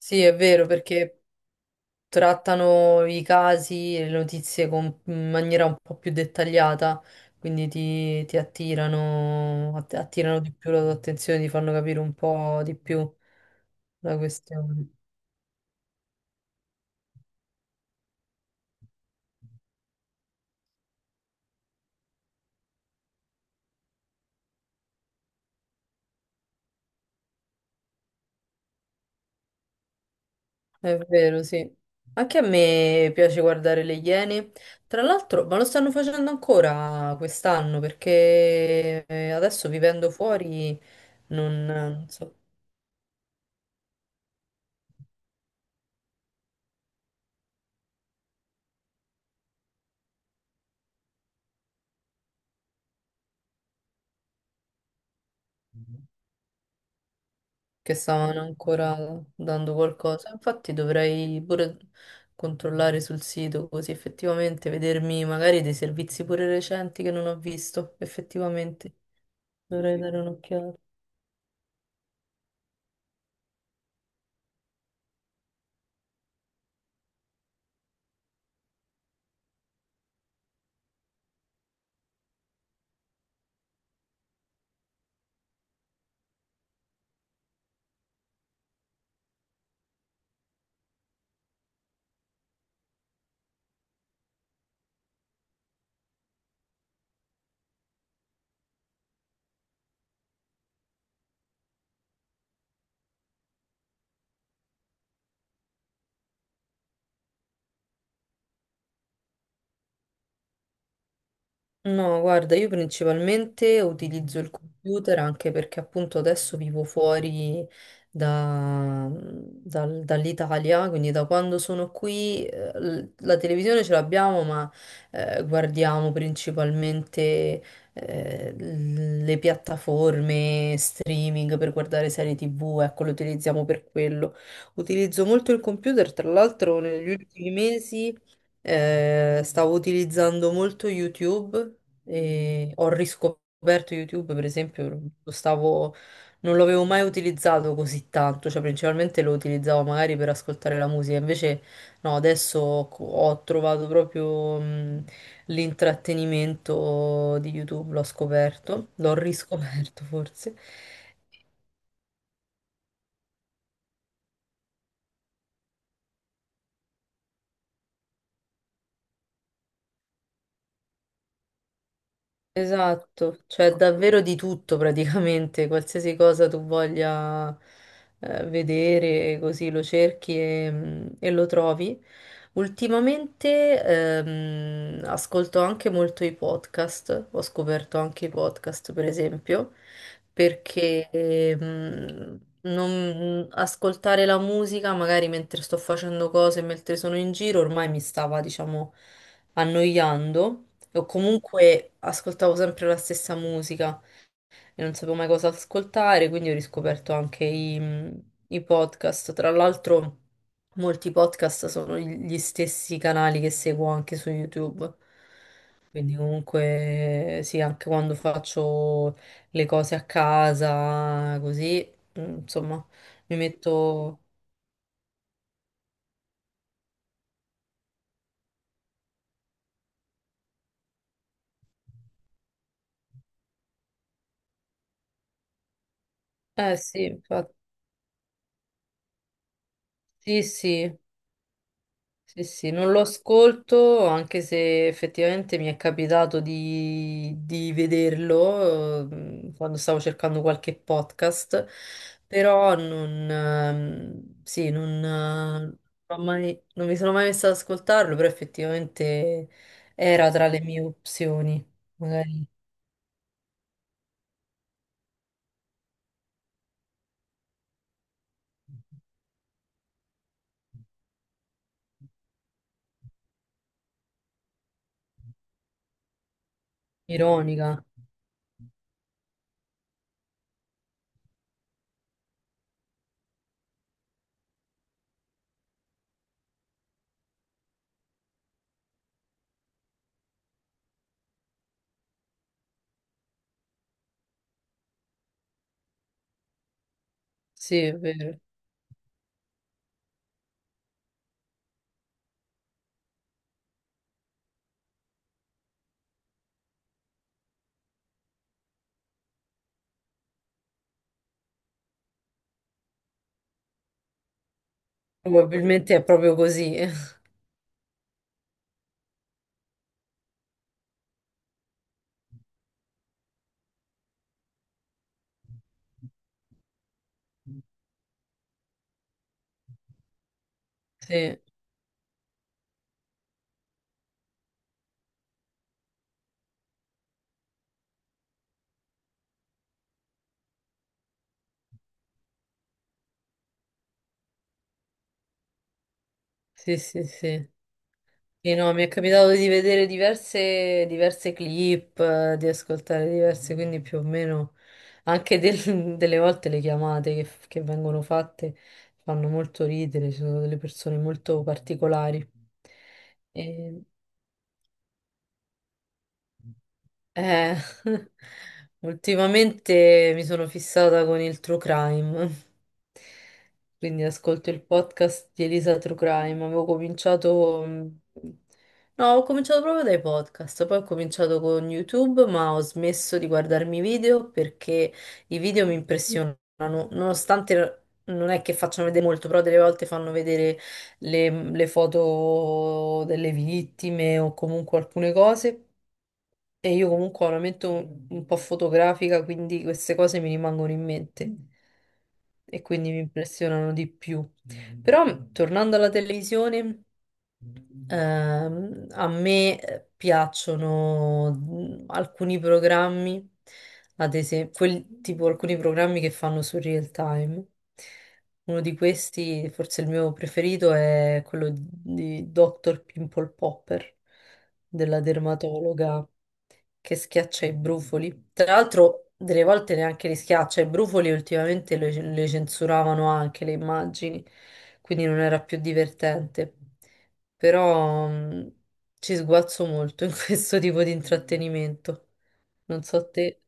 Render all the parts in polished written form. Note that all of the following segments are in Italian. Sì, è vero, perché trattano i casi e le notizie in maniera un po' più dettagliata, quindi ti attirano di più la tua attenzione, ti fanno capire un po' di più la questione. È vero, sì. Anche a me piace guardare le Iene. Tra l'altro, ma lo stanno facendo ancora quest'anno, perché adesso vivendo fuori non so. Che stavano ancora dando qualcosa. Infatti dovrei pure controllare sul sito così effettivamente vedermi magari dei servizi pure recenti che non ho visto. Effettivamente dovrei dare un'occhiata. No, guarda, io principalmente utilizzo il computer anche perché appunto adesso vivo fuori dall'Italia, quindi da quando sono qui la televisione ce l'abbiamo, ma guardiamo principalmente le piattaforme streaming per guardare serie TV, ecco, lo utilizziamo per quello. Utilizzo molto il computer, tra l'altro negli ultimi mesi. Stavo utilizzando molto YouTube e ho riscoperto YouTube, per esempio, lo stavo, non l'avevo mai utilizzato così tanto, cioè principalmente lo utilizzavo magari per ascoltare la musica, invece no, adesso ho trovato proprio l'intrattenimento di YouTube, l'ho scoperto, l'ho riscoperto forse. Esatto, cioè davvero di tutto praticamente, qualsiasi cosa tu voglia vedere, così lo cerchi e lo trovi. Ultimamente ascolto anche molto i podcast, ho scoperto anche i podcast per esempio, perché ascoltare la musica magari mentre sto facendo cose, mentre sono in giro, ormai mi stava, diciamo, annoiando o comunque ascoltavo sempre la stessa musica e non sapevo mai cosa ascoltare, quindi ho riscoperto anche i podcast. Tra l'altro, molti podcast sono gli stessi canali che seguo anche su YouTube. Quindi comunque sì, anche quando faccio le cose a casa, così, insomma, mi metto. Eh sì, infatti, sì, sì. Sì, sì, non lo ascolto, anche se effettivamente mi è capitato di vederlo, quando stavo cercando qualche podcast, però non, sì, non mi sono mai messa ad ascoltarlo, però effettivamente era tra le mie opzioni, magari ironica. Sì, è vero. Probabilmente è proprio così. Sì, sì, sì, sì. Sì, no, mi è capitato di vedere diverse clip, di ascoltare diverse, quindi più o meno anche delle volte le chiamate che vengono fatte fanno molto ridere, ci sono delle persone molto particolari. Eh, Ultimamente mi sono fissata con il true crime, quindi ascolto il podcast di Elisa True Crime. Avevo cominciato, no, ho cominciato proprio dai podcast, poi ho cominciato con YouTube, ma ho smesso di guardarmi i video perché i video mi impressionano, nonostante non è che facciano vedere molto, però delle volte fanno vedere le foto delle vittime o comunque alcune cose. E io comunque ho una mente un po' fotografica, quindi queste cose mi rimangono in mente e quindi mi impressionano di più. Però, tornando alla televisione. A me piacciono alcuni programmi, ad esempio, tipo alcuni programmi che fanno su real time. Uno di questi, forse il mio preferito, è quello di Dr. Pimple Popper, della dermatologa che schiaccia i brufoli. Tra l'altro, delle volte neanche li schiaccia, i brufoli ultimamente le censuravano anche le immagini, quindi non era più divertente, però ci sguazzo molto in questo tipo di intrattenimento. Non so te,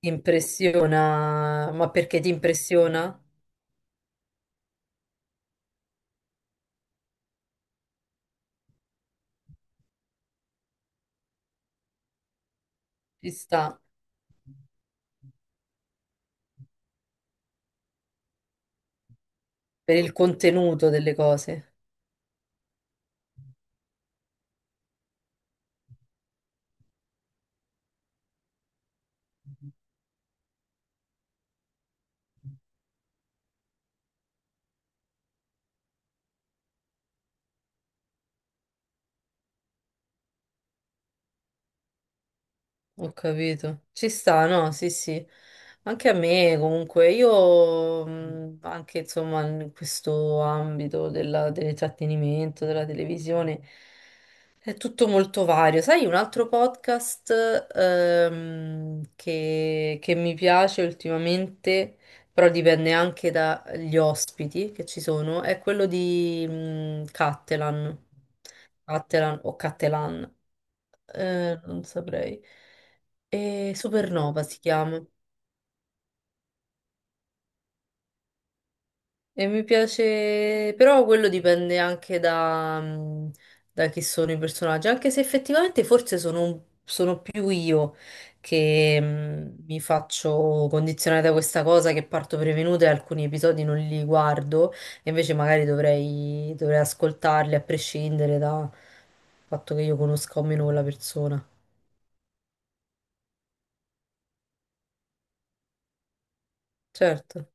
ti impressiona, ma perché ti impressiona? Ci sta, per il contenuto delle cose. Ho capito. Ci sta, no? Sì, sì. Anche a me, comunque, io anche insomma in questo ambito dell'intrattenimento, della televisione, è tutto molto vario. Sai, un altro podcast, che mi piace ultimamente, però dipende anche dagli ospiti che ci sono, è quello di Cattelan, Cattelan o Cattelan. Non saprei. E Supernova si chiama. E mi piace, però quello dipende anche da chi sono i personaggi, anche se effettivamente forse sono più io che mi faccio condizionare da questa cosa, che parto prevenuta e alcuni episodi non li guardo, e invece magari dovrei ascoltarli a prescindere dal fatto che io conosca o meno quella persona. Certo.